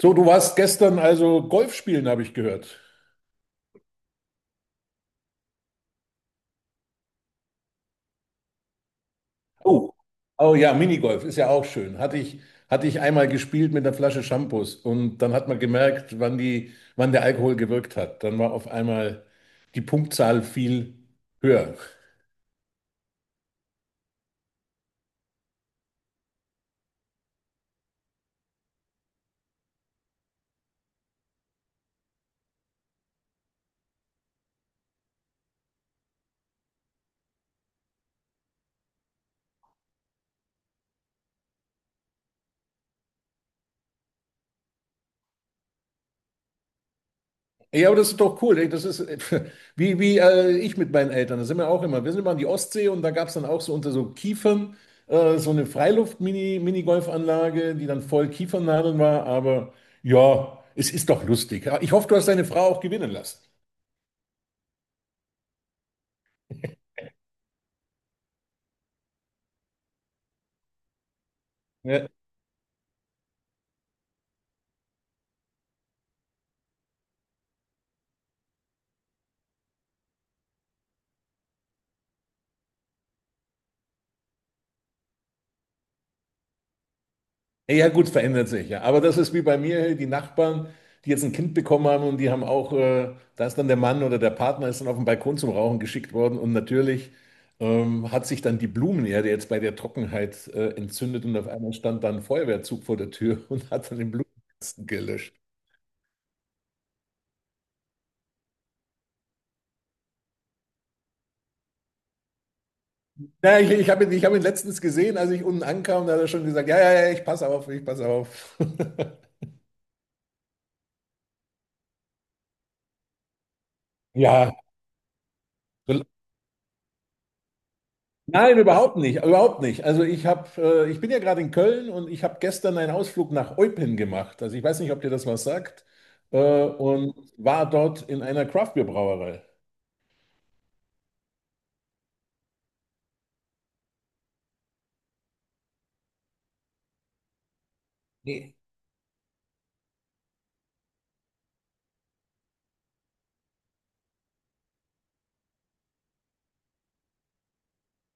So, du warst gestern also Golf spielen, habe ich gehört. Oh, oh ja, Minigolf ist ja auch schön. Hatte ich einmal gespielt mit einer Flasche Shampoos und dann hat man gemerkt, wann der Alkohol gewirkt hat. Dann war auf einmal die Punktzahl viel höher. Ja, aber das ist doch cool, ey. Das ist wie ich mit meinen Eltern. Da sind wir auch immer. Wir sind immer an die Ostsee und da gab es dann auch so unter so Kiefern so eine Freiluft-Mini-Minigolfanlage, die dann voll Kiefernadeln war. Aber ja, es ist doch lustig. Ja, ich hoffe, du hast deine Frau auch gewinnen lassen. Ja. Ja, gut, verändert sich, ja. Aber das ist wie bei mir, hey, die Nachbarn, die jetzt ein Kind bekommen haben und die haben auch, da ist dann der Mann oder der Partner ist dann auf den Balkon zum Rauchen geschickt worden und natürlich hat sich dann die Blumenerde jetzt bei der Trockenheit entzündet und auf einmal stand dann ein Feuerwehrzug vor der Tür und hat dann den Blumenkasten gelöscht. Ja, ich hab ihn letztens gesehen, als ich unten ankam, da hat er schon gesagt, ja, ja, ja, ich passe auf, ich passe auf. Ja, so- Nein, überhaupt nicht, überhaupt nicht. Also ich bin ja gerade in Köln und ich habe gestern einen Ausflug nach Eupen gemacht. Also ich weiß nicht, ob dir das was sagt, äh, und war dort in einer Craftbeer-Brauerei.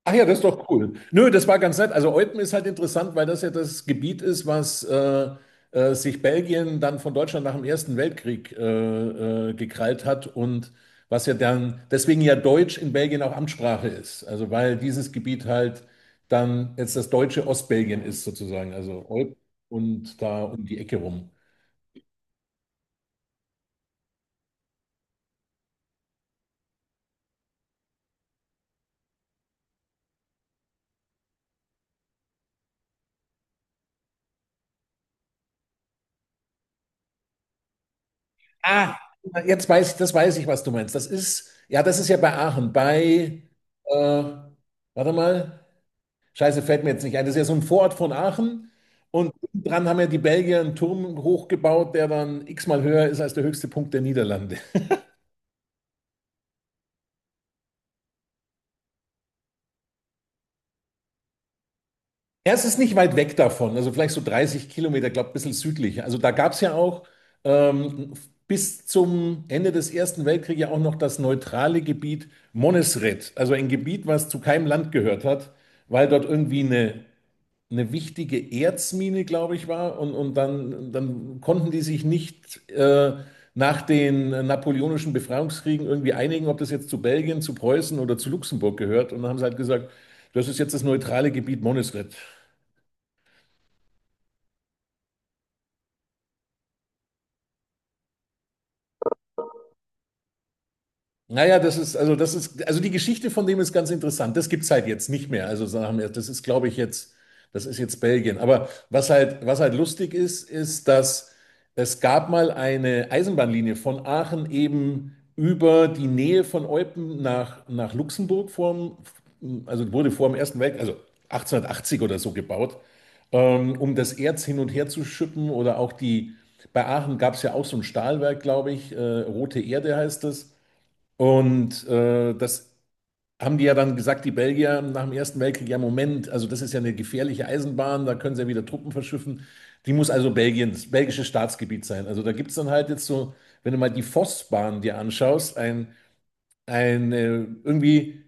Ach ja, das ist doch cool. Nö, das war ganz nett. Also Eupen ist halt interessant, weil das ja das Gebiet ist, was sich Belgien dann von Deutschland nach dem Ersten Weltkrieg gekrallt hat und was ja dann, deswegen ja Deutsch in Belgien auch Amtssprache ist. Also weil dieses Gebiet halt dann jetzt das deutsche Ostbelgien ist sozusagen. Also Eupen und da um die Ecke rum. Ah, jetzt weiß ich, das weiß ich, was du meinst. Das ist ja bei Aachen, bei, äh, warte mal. Scheiße, fällt mir jetzt nicht ein. Das ist ja so ein Vorort von Aachen. Und dran haben ja die Belgier einen Turm hochgebaut, der dann x-mal höher ist als der höchste Punkt der Niederlande. Ja, es ist nicht weit weg davon, also vielleicht so 30 Kilometer, glaube ein bisschen südlich. Also da gab es ja auch ähm, bis zum Ende des Ersten Weltkriegs ja auch noch das neutrale Gebiet Monesret, also ein Gebiet, was zu keinem Land gehört hat, weil dort irgendwie eine wichtige Erzmine, glaube ich, war. Und dann konnten die sich nicht nach den napoleonischen Befreiungskriegen irgendwie einigen, ob das jetzt zu Belgien, zu Preußen oder zu Luxemburg gehört. Und dann haben sie halt gesagt, das ist jetzt das neutrale Gebiet Monisrett. Naja, also die Geschichte von dem ist ganz interessant. Das gibt's halt jetzt nicht mehr. Also sagen wir, das ist, glaube ich, jetzt, das ist jetzt Belgien. Aber was halt lustig ist, dass es gab mal eine Eisenbahnlinie von Aachen eben über die Nähe von Eupen nach Luxemburg vorm, also wurde vor dem Ersten Weltkrieg, also 1880 oder so gebaut, um das Erz hin und her zu schippen oder auch die, bei Aachen gab's ja auch so ein Stahlwerk, glaube ich, Rote Erde heißt das. Und das haben die ja dann gesagt, die Belgier nach dem Ersten Weltkrieg, ja Moment, also das ist ja eine gefährliche Eisenbahn, da können sie ja wieder Truppen verschiffen. Die muss also belgisches Staatsgebiet sein. Also da gibt es dann halt jetzt so, wenn du mal die Vossbahn dir anschaust, ein irgendwie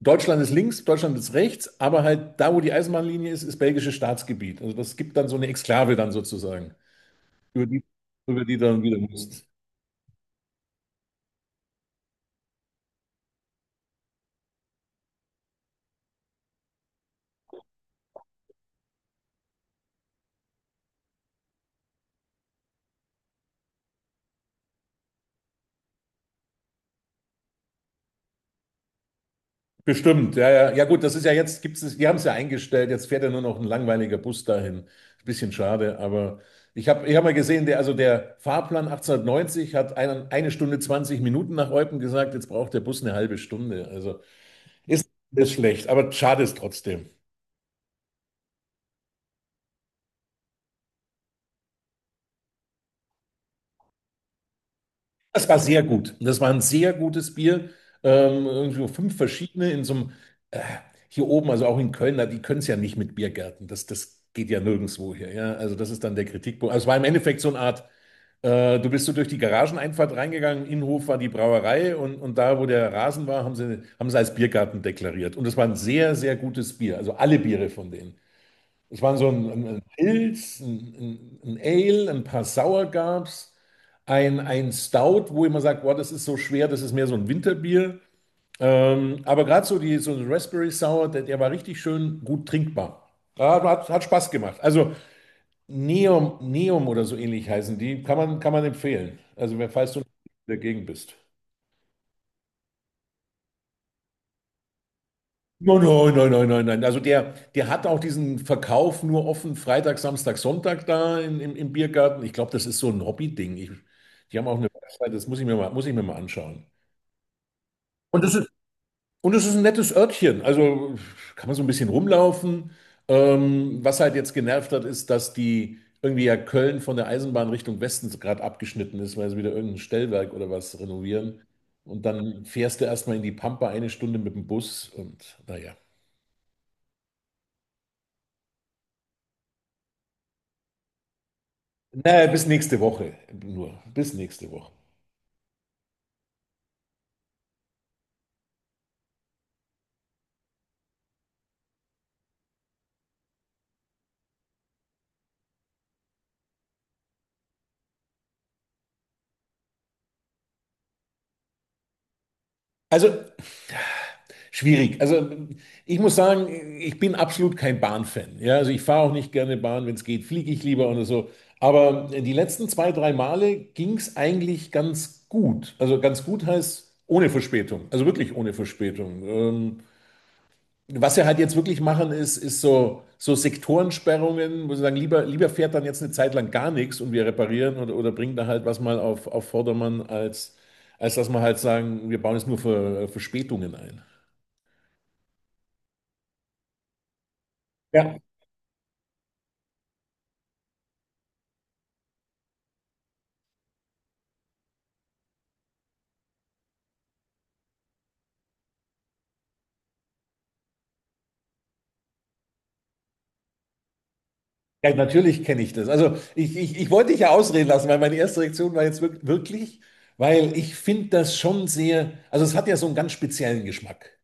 Deutschland ist links, Deutschland ist rechts, aber halt da, wo die Eisenbahnlinie ist, ist belgisches Staatsgebiet. Also das gibt dann so eine Exklave dann sozusagen, über die, über die du dann wieder musst. Bestimmt, ja, ja. Ja gut, das ist ja jetzt, gibt's es, die haben es ja eingestellt, jetzt fährt ja nur noch ein langweiliger Bus dahin. Ein bisschen schade, aber ich hab mal gesehen, der, also der Fahrplan 1890 hat eine Stunde 20 Minuten nach Eupen gesagt, jetzt braucht der Bus eine halbe Stunde. Also ist schlecht, aber schade ist trotzdem. Das war sehr gut. Das war ein sehr gutes Bier. Irgendwie so fünf verschiedene in so einem, äh, hier oben, also auch in Köln, na, die können es ja nicht mit Biergärten. Das geht ja nirgendwo hier. Ja? Also das ist dann der Kritikpunkt. Also es war im Endeffekt so eine Art, du bist so durch die Garageneinfahrt reingegangen, Innenhof war die Brauerei und da, wo der Rasen war, haben sie als Biergarten deklariert. Und es war ein sehr, sehr gutes Bier. Also alle Biere von denen. Ich meine, so ein Pilz, ein Ale, ein paar Sauer gab's, ein Stout, wo immer sagt, boah, das ist so schwer, das ist mehr so ein Winterbier. Aber gerade so die so ein Raspberry Sour, der war richtig schön gut trinkbar. Ja, hat Spaß gemacht. Also Neum, Neum oder so ähnlich heißen die, kann man empfehlen. Also, falls du in der Gegend bist. Nein, nein, nein, nein, nein, nein. Also der hat auch diesen Verkauf nur offen Freitag, Samstag, Sonntag da im Biergarten. Ich glaube, das ist so ein Hobby-Ding. Die haben auch eine Website, das muss ich mir mal anschauen. Und das ist, und das ist ein nettes Örtchen. Also kann man so ein bisschen rumlaufen. Was halt jetzt genervt hat, ist, dass die irgendwie ja Köln von der Eisenbahn Richtung Westen gerade abgeschnitten ist, weil sie wieder irgendein Stellwerk oder was renovieren. Und dann fährst du erstmal in die Pampa eine Stunde mit dem Bus und naja. Naja, bis nächste Woche nur. Bis nächste Woche. Also schwierig. Also ich muss sagen, ich bin absolut kein Bahnfan. Ja, also ich fahre auch nicht gerne Bahn. Wenn es geht, fliege ich lieber oder so. Aber die letzten zwei, drei Male ging es eigentlich ganz gut. Also ganz gut heißt ohne Verspätung. Also wirklich ohne Verspätung. Was wir halt jetzt wirklich machen, ist so Sektorensperrungen, wo sie sagen, lieber fährt dann jetzt eine Zeit lang gar nichts und wir reparieren oder bringen da halt was mal auf Vordermann, als dass wir halt sagen, wir bauen jetzt nur für Verspätungen ein. Ja, ja natürlich kenne ich das. Also ich wollte dich ja ausreden lassen, weil meine erste Reaktion war jetzt wirklich, weil ich finde das schon sehr, also es hat ja so einen ganz speziellen Geschmack.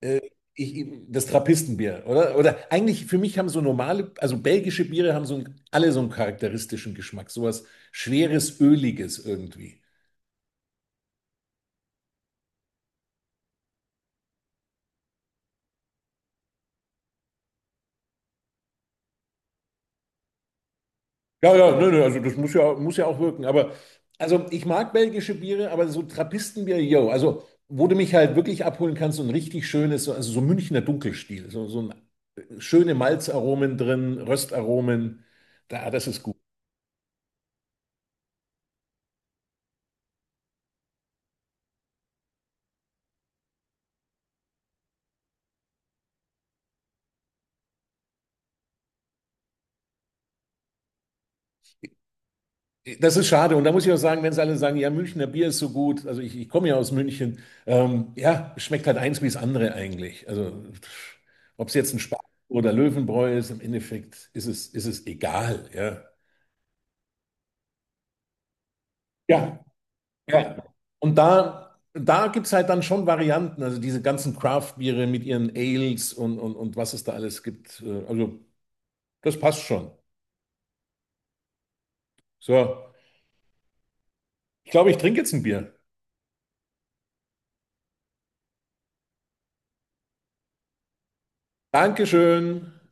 Äh, das Trappistenbier, oder? Oder eigentlich für mich haben so normale, also belgische Biere haben so einen, alle so einen charakteristischen Geschmack, sowas schweres, öliges irgendwie. Ja, ja, nö, nö, also das muss ja auch wirken. Aber also ich mag belgische Biere, aber so Trappistenbier, yo, also wo du mich halt wirklich abholen kannst, so ein richtig schönes, also so Münchner Dunkelstil, schöne Malzaromen drin, Röstaromen, das ist gut. Das ist schade. Und da muss ich auch sagen, wenn sie alle sagen, ja, Münchner Bier ist so gut, also ich komme ja aus München, ja, schmeckt halt eins wie das andere eigentlich. Also ob es jetzt ein Spargel oder Löwenbräu ist, im Endeffekt ist es egal, ja. Ja, ja. Und da gibt es halt dann schon Varianten, also diese ganzen Craft-Biere mit ihren Ales und was es da alles gibt. Also das passt schon. So, ich glaube, ich trinke jetzt ein Bier. Dankeschön.